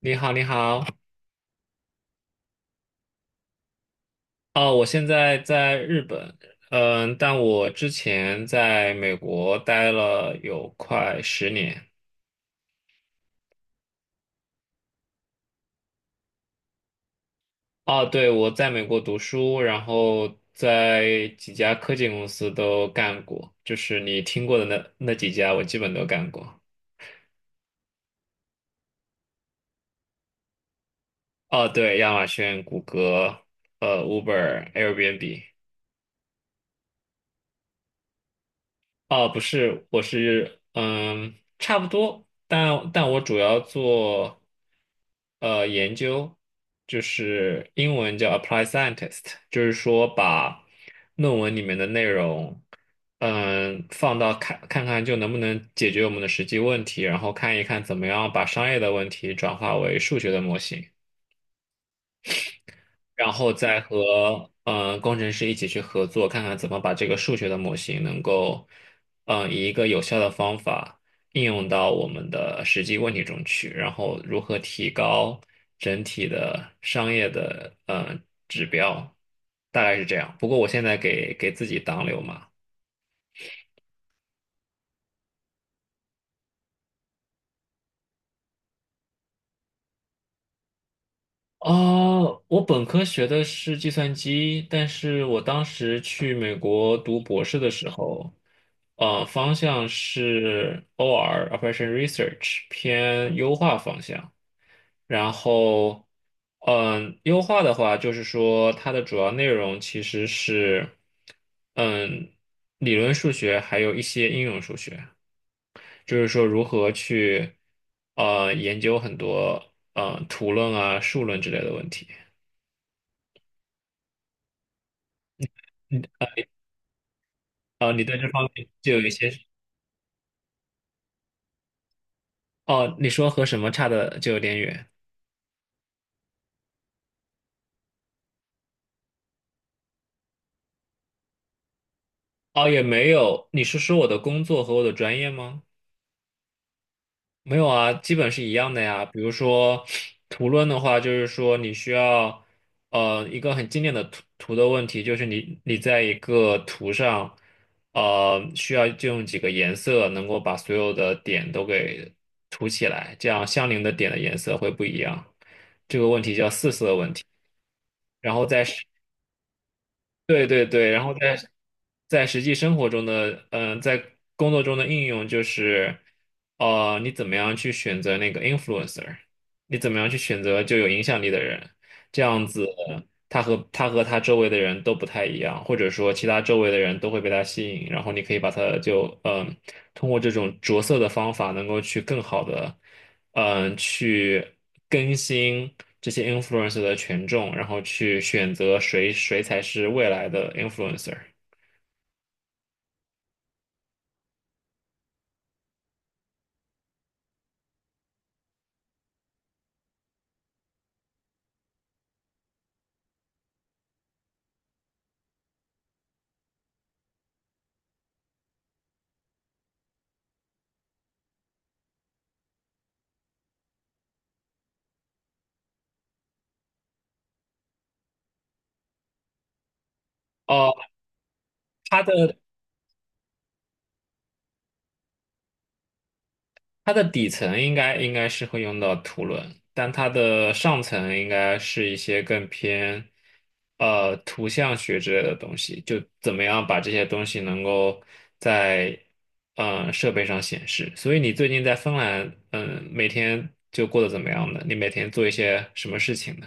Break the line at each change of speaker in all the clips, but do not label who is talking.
你好，你好。哦，我现在在日本，但我之前在美国待了有快十年。哦，对，我在美国读书，然后在几家科技公司都干过，就是你听过的那几家，我基本都干过。哦，对，亚马逊、谷歌、Uber、Airbnb。哦，不是，我是差不多，但我主要做研究，就是英文叫 apply scientist，就是说把论文里面的内容，放到看看就能不能解决我们的实际问题，然后看一看怎么样把商业的问题转化为数学的模型。然后再和工程师一起去合作，看看怎么把这个数学的模型能够，以一个有效的方法应用到我们的实际问题中去，然后如何提高整体的商业的指标，大概是这样。不过我现在给自己挡柳嘛。啊，我本科学的是计算机，但是我当时去美国读博士的时候，方向是 OR (Operation Research) 偏优化方向。然后，优化的话，就是说它的主要内容其实是，嗯，理论数学还有一些应用数学，就是说如何去，研究很多图论啊、数论之类的问题。哦，你对这方面就有一些，哦，你说和什么差的就有点远，哦，也没有，你是说我的工作和我的专业吗？没有啊，基本是一样的呀。比如说图论的话，就是说你需要，一个很经典的图的问题，就是你在一个图上，需要就用几个颜色能够把所有的点都给涂起来，这样相邻的点的颜色会不一样。这个问题叫四色问题。然后在对对对，然后在实际生活中的，在工作中的应用就是，你怎么样去选择那个 influencer，你怎么样去选择就有影响力的人，这样子他和他周围的人都不太一样，或者说其他周围的人都会被他吸引，然后你可以把他就，通过这种着色的方法，能够去更好的。去更新这些 influencer 的权重，然后去选择谁才是未来的 influencer。哦，它的它的底层应该是会用到图论，但它的上层应该是一些更偏图像学之类的东西，就怎么样把这些东西能够在设备上显示。所以你最近在芬兰，每天就过得怎么样呢？你每天做一些什么事情呢？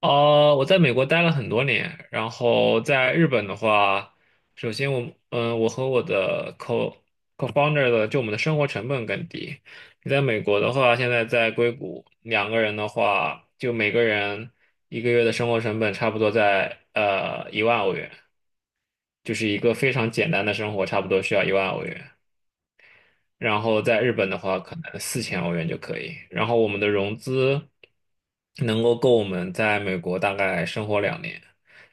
我在美国待了很多年，然后在日本的话，首先我，我和我的 co-founder 的，就我们的生活成本更低。你在美国的话，现在在硅谷，2个人的话，就每个人一个月的生活成本差不多在一万欧元，就是一个非常简单的生活，差不多需要一万欧元。然后在日本的话，可能4000欧元就可以。然后我们的融资能够我们在美国大概生活两年，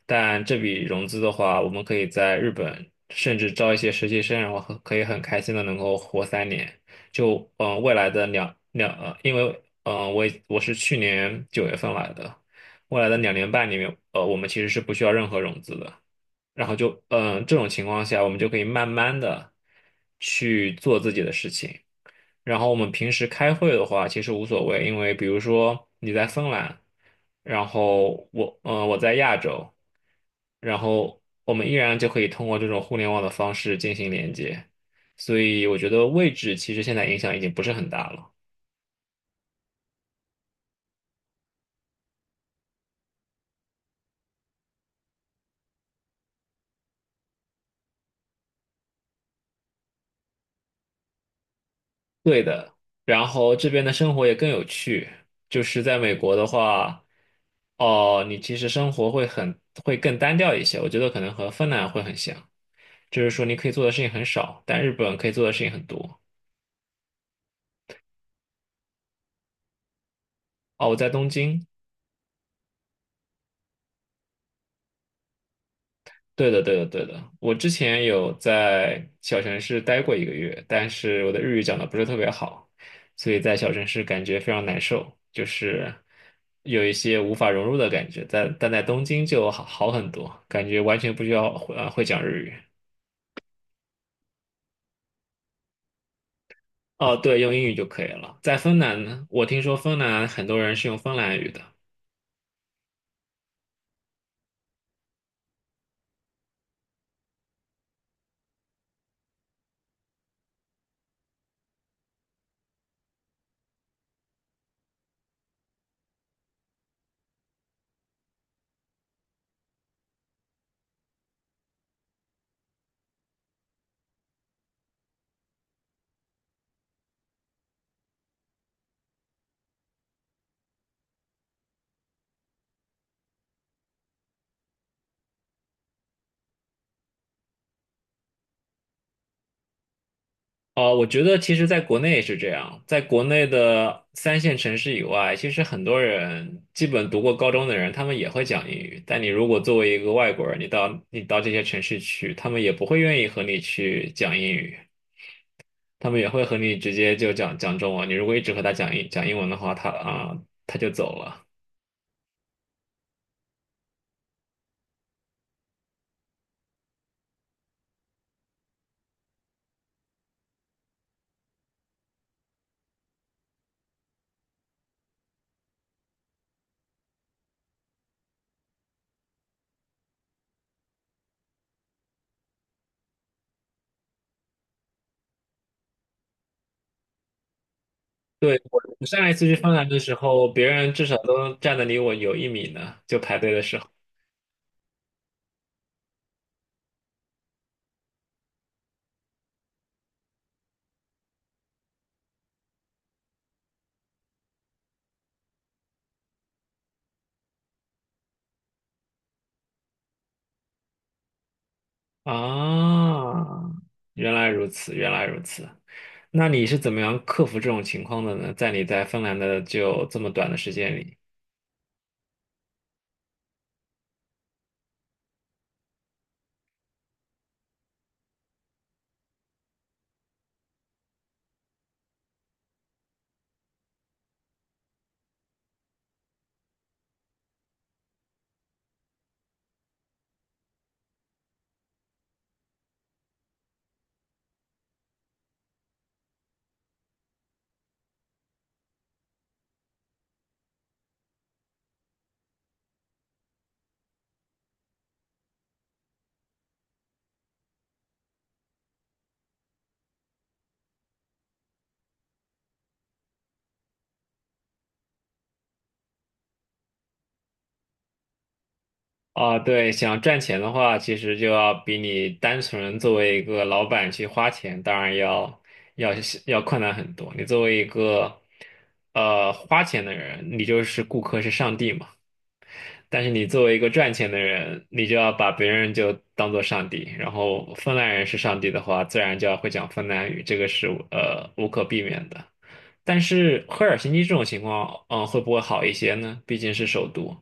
但这笔融资的话，我们可以在日本甚至招一些实习生，然后很可以很开心的能够活3年。就嗯、呃未来的两两呃，因为我是去年9月份来的，未来的2年半里面，我们其实是不需要任何融资的。然后就这种情况下，我们就可以慢慢的去做自己的事情。然后我们平时开会的话，其实无所谓，因为比如说你在芬兰，然后我在亚洲，然后我们依然就可以通过这种互联网的方式进行连接。所以我觉得位置其实现在影响已经不是很大了。对的，然后这边的生活也更有趣。就是在美国的话，哦，你其实生活会会更单调一些，我觉得可能和芬兰会很像，就是说你可以做的事情很少，但日本可以做的事情很多。哦，我在东京，对的，对的，对的。我之前有在小城市待过一个月，但是我的日语讲的不是特别好，所以在小城市感觉非常难受，就是有一些无法融入的感觉。但在东京就好很多，感觉完全不需要会讲日语。哦，对，用英语就可以了。在芬兰呢，我听说芬兰很多人是用芬兰语的，啊、我觉得其实在国内也是这样，在国内的三线城市以外，其实很多人基本读过高中的人，他们也会讲英语。但你如果作为一个外国人，你到这些城市去，他们也不会愿意和你去讲英语，他们也会和你直接就讲中文。你如果一直和他讲英文的话，他就走了。对，我上一次去芬兰的时候，别人至少都站得离我有1米呢，就排队的时候。啊，原来如此，原来如此。那你是怎么样克服这种情况的呢？在你在芬兰的就这么短的时间里啊，对，想赚钱的话，其实就要比你单纯作为一个老板去花钱，当然要要困难很多。你作为一个花钱的人，你就是顾客是上帝嘛。但是你作为一个赚钱的人，你就要把别人就当做上帝，然后芬兰人是上帝的话，自然就要会讲芬兰语，这个是无可避免的。但是赫尔辛基这种情况，会不会好一些呢？毕竟是首都。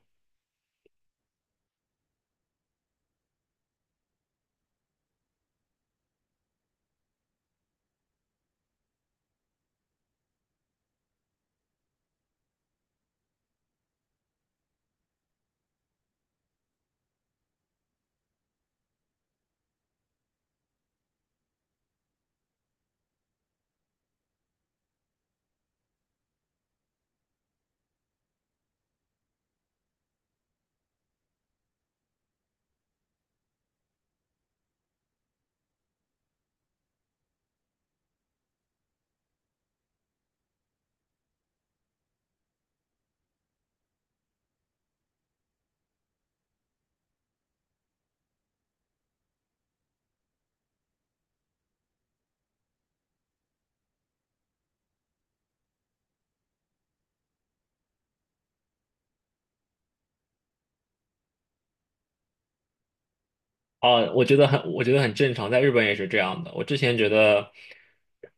哦，我觉得很正常，在日本也是这样的。我之前觉得，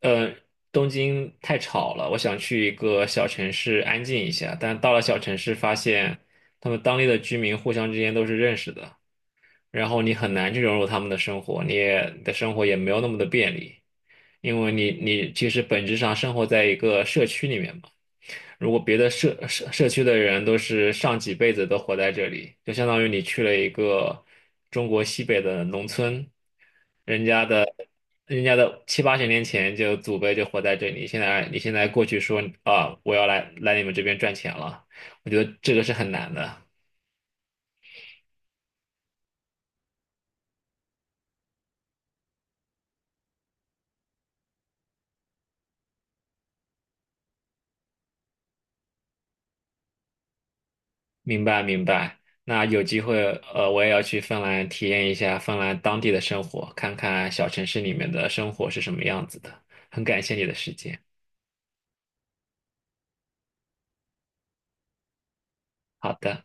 呃，东京太吵了，我想去一个小城市安静一下，但到了小城市发现，他们当地的居民互相之间都是认识的。然后你很难去融入他们的生活，你也的生活也没有那么的便利，因为你其实本质上生活在一个社区里面嘛。如果别的社区的人都是上几辈子都活在这里，就相当于你去了一个中国西北的农村，人家的人家的七八十年前就祖辈就活在这里，现在你现在过去说啊，我要来你们这边赚钱了，我觉得这个是很难的。明白明白。那有机会，我也要去芬兰体验一下芬兰当地的生活，看看小城市里面的生活是什么样子的。很感谢你的时间。好的。